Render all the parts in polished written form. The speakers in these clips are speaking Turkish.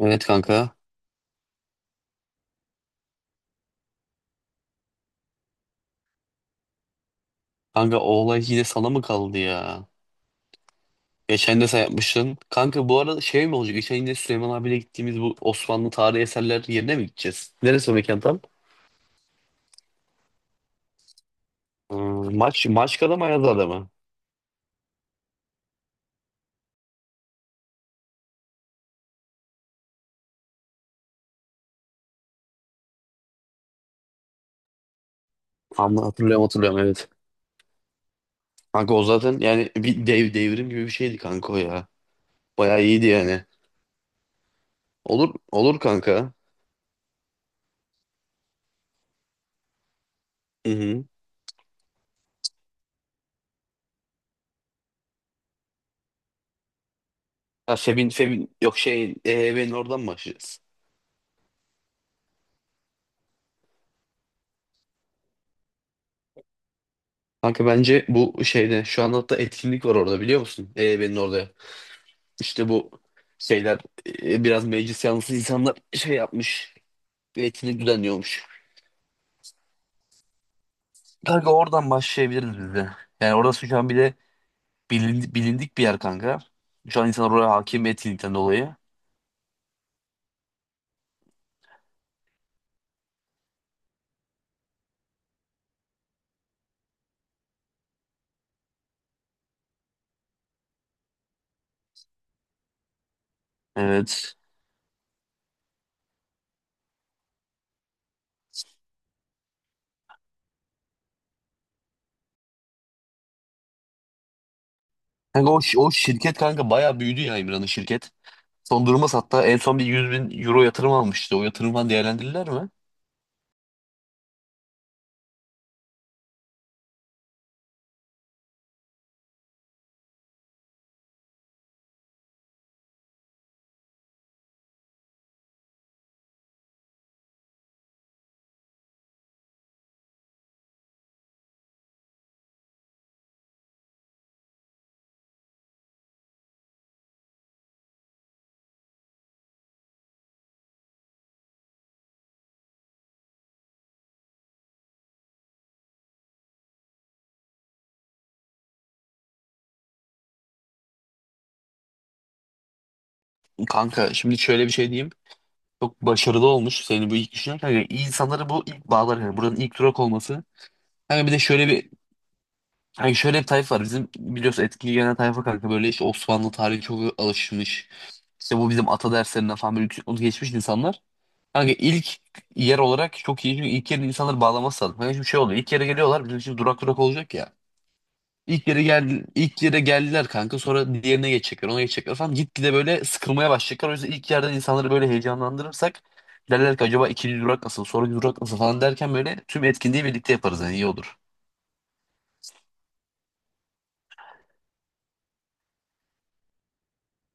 Evet kanka. Kanka o olay yine sana mı kaldı ya? Geçen de sen yapmışsın. Kanka bu arada şey mi olacak? Geçen yine Süleyman abiyle gittiğimiz bu Osmanlı tarihi eserler yerine mi gideceğiz? Neresi o mekan tam? Maçka'da mı Ayaza'da mı? Hatırlıyorum hatırlıyorum evet. Kanka o zaten yani bir devrim gibi bir şeydi kanka o ya. Bayağı iyiydi yani. Olur olur kanka. Hı hı. Ya Febin, yok, şey, EYB'nin oradan mı başlayacağız? Kanka bence bu şeyde şu an hatta etkinlik var orada biliyor musun? EYB'nin orada. İşte bu şeyler biraz meclis yanlısı insanlar şey yapmış. Bir etkinlik düzenliyormuş. Kanka oradan başlayabiliriz biz de. Yani orası şu an bir de bilindik bir yer kanka. Şu an insanlar oraya hakim etkinlikten dolayı. Evet. Kanka o şirket kanka bayağı büyüdü ya, İmran'ın şirket. Son durumu hatta en son bir 100.000 euro yatırım almıştı. O yatırımdan değerlendirirler mi? Kanka şimdi şöyle bir şey diyeyim. Çok başarılı olmuş. Senin bu ilk düşünen kanka. İyi, insanları bu ilk bağlar. Yani buranın ilk durak olması. Kanka bir de şöyle bir Yani şöyle bir tayfa var. Bizim biliyorsun etkili gelen tayfa kanka, böyle işte Osmanlı tarihi çok alışmış. İşte bu bizim ata derslerinden falan böyle yüksek notu geçmiş insanlar. Kanka ilk yer olarak çok iyi. Çünkü ilk yerin insanları bağlaması lazım. Kanka şimdi şey oluyor. İlk yere geliyorlar. Bizim şimdi durak durak olacak ya. İlk yere geldiler kanka. Sonra diğerine geçecekler. Ona geçecekler falan. Gitgide böyle sıkılmaya başlayacaklar. O yüzden ilk yerden insanları böyle heyecanlandırırsak derler ki acaba ikinci durak nasıl? Sonraki durak nasıl falan derken böyle tüm etkinliği birlikte yaparız. Yani iyi olur.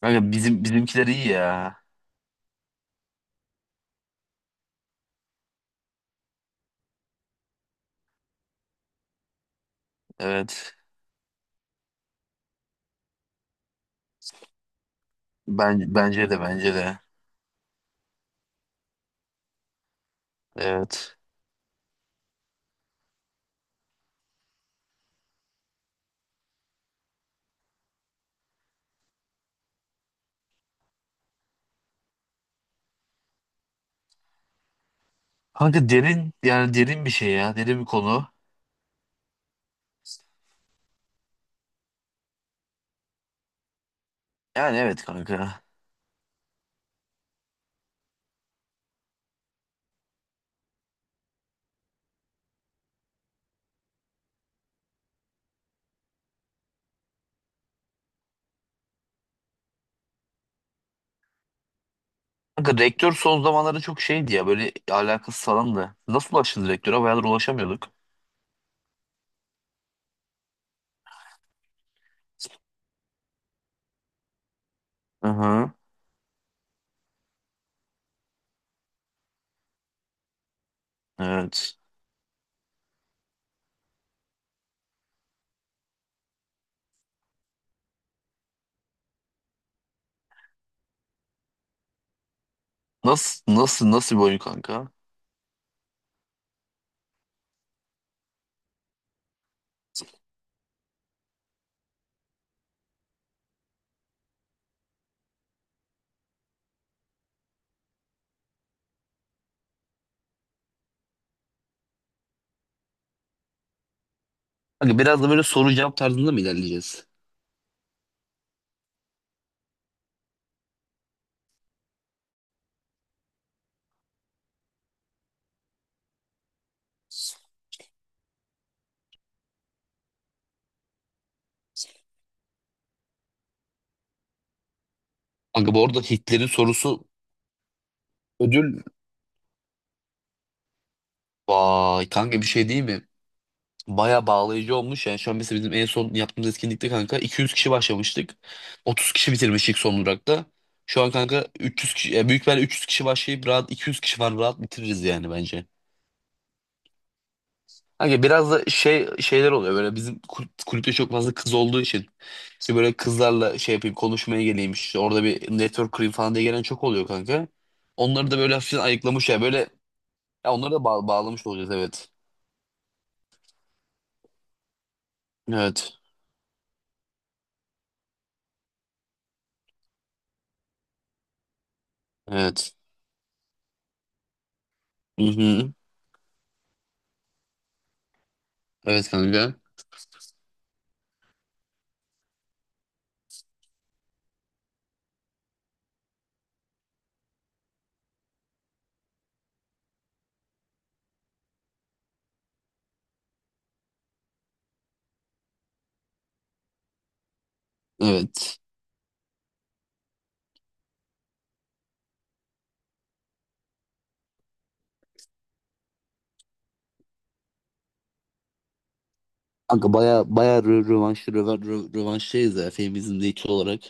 Kanka bizim, bizimkiler iyi ya. Evet. Bence de bence de. Evet. Kanka derin, yani derin bir şey ya. Derin bir konu. Yani evet kanka. Kanka rektör son zamanlarda çok şeydi ya, böyle alakasız falan da. Nasıl ulaştınız rektöre? Bayağıdır ulaşamıyorduk. Hı hı. Evet. Nasıl bir oyun kanka? Kanka biraz da böyle soru cevap tarzında mı ilerleyeceğiz? Kanka bu arada Hitler'in sorusu ödül. Vay kanka, bir şey değil mi? Baya bağlayıcı olmuş. Yani şu an mesela bizim en son yaptığımız etkinlikte kanka 200 kişi başlamıştık. 30 kişi bitirmiştik son olarak da. Şu an kanka 300 kişi, yani büyük ihtimalle 300 kişi başlayıp rahat 200 kişi var, rahat bitiririz yani bence. Kanka biraz da şey şeyler oluyor böyle, bizim kulüpte çok fazla kız olduğu için. İşte böyle kızlarla şey yapayım, konuşmaya geleyim, işte orada bir network kurayım falan diye gelen çok oluyor kanka. Onları da böyle hafiften ayıklamış ya böyle, ya onları da bağlamış olacağız evet. Evet. Evet. Hı hı. Evet kanka. Evet. Kanka baya baya rövanştayız ya, feminizmde ilk olarak.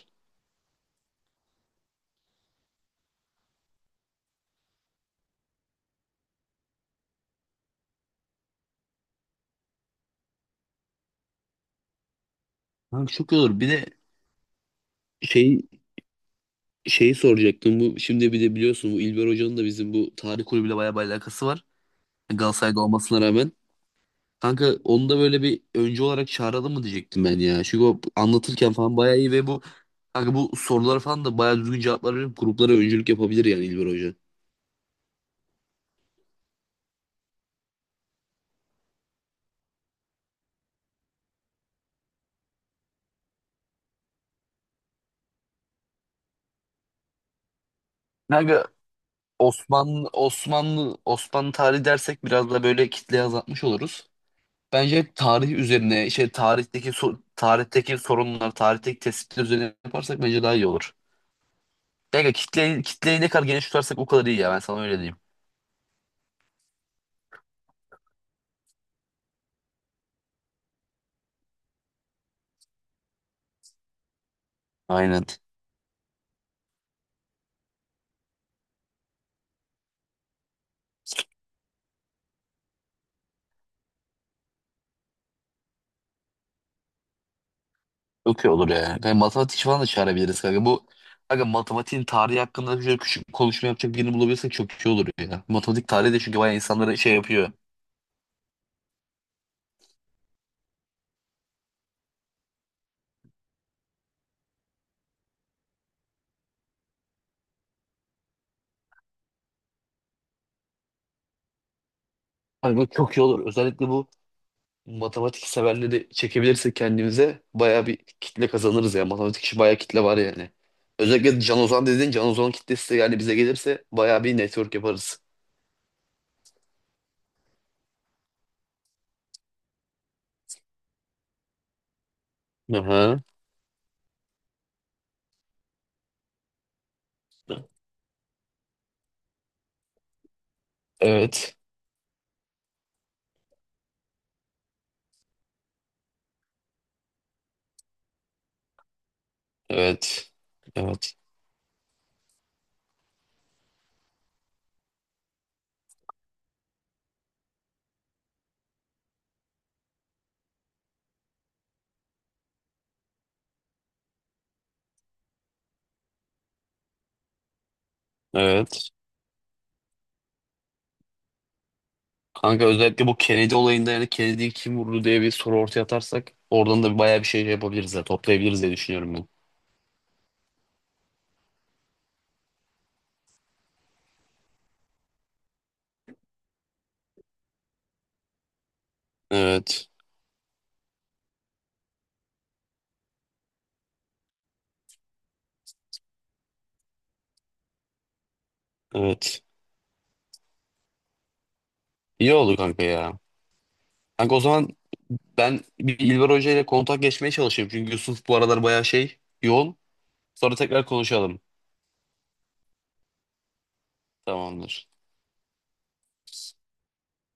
Kanka çok iyi olur. Bir de şey şeyi soracaktım. Bu şimdi bir de biliyorsun, bu İlber Hoca'nın da bizim bu tarih kulübüyle baya bir alakası var. Galatasaray'da olmasına rağmen. Kanka onu da böyle bir öncü olarak çağıralım mı diyecektim ben ya. Çünkü o anlatırken falan baya iyi ve bu kanka, bu soruları falan da baya düzgün cevaplar verip gruplara öncülük yapabilir yani İlber Hoca. Kanka Osmanlı tarihi dersek biraz da böyle kitleyi azaltmış oluruz. Bence tarih üzerine, tarihteki sorunlar, tarihteki tespitler üzerine yaparsak bence daha iyi olur. Belki kitleyi ne kadar geniş tutarsak o kadar iyi ya. Ben sana öyle diyeyim. Aynen. Çok iyi olur ya. Yani matematik falan da çağırabiliriz kanka. Bu kanka, matematiğin tarihi hakkında şöyle küçük bir konuşma yapacak birini bulabilirsek çok iyi olur ya. Matematik tarihi de çünkü bayağı insanları şey yapıyor. Hani bu çok iyi olur. Özellikle bu matematik severleri çekebilirsek kendimize bayağı bir kitle kazanırız ya. Matematik işi bayağı kitle var yani. Özellikle Can Ozan dediğin, Can Ozan kitlesi de yani bize gelirse bayağı bir network yaparız. Aha. Evet. Evet. Evet. Evet. Kanka özellikle bu Kennedy olayında, yani Kennedy'yi kim vurdu diye bir soru ortaya atarsak oradan da bayağı bir şey yapabiliriz ya, toplayabiliriz diye düşünüyorum ben. Evet. Evet. İyi oldu kanka ya. Kanka o zaman, ben bir İlber Hoca ile kontak geçmeye çalışayım. Çünkü Yusuf bu aralar bayağı yoğun. Sonra tekrar konuşalım. Tamamdır.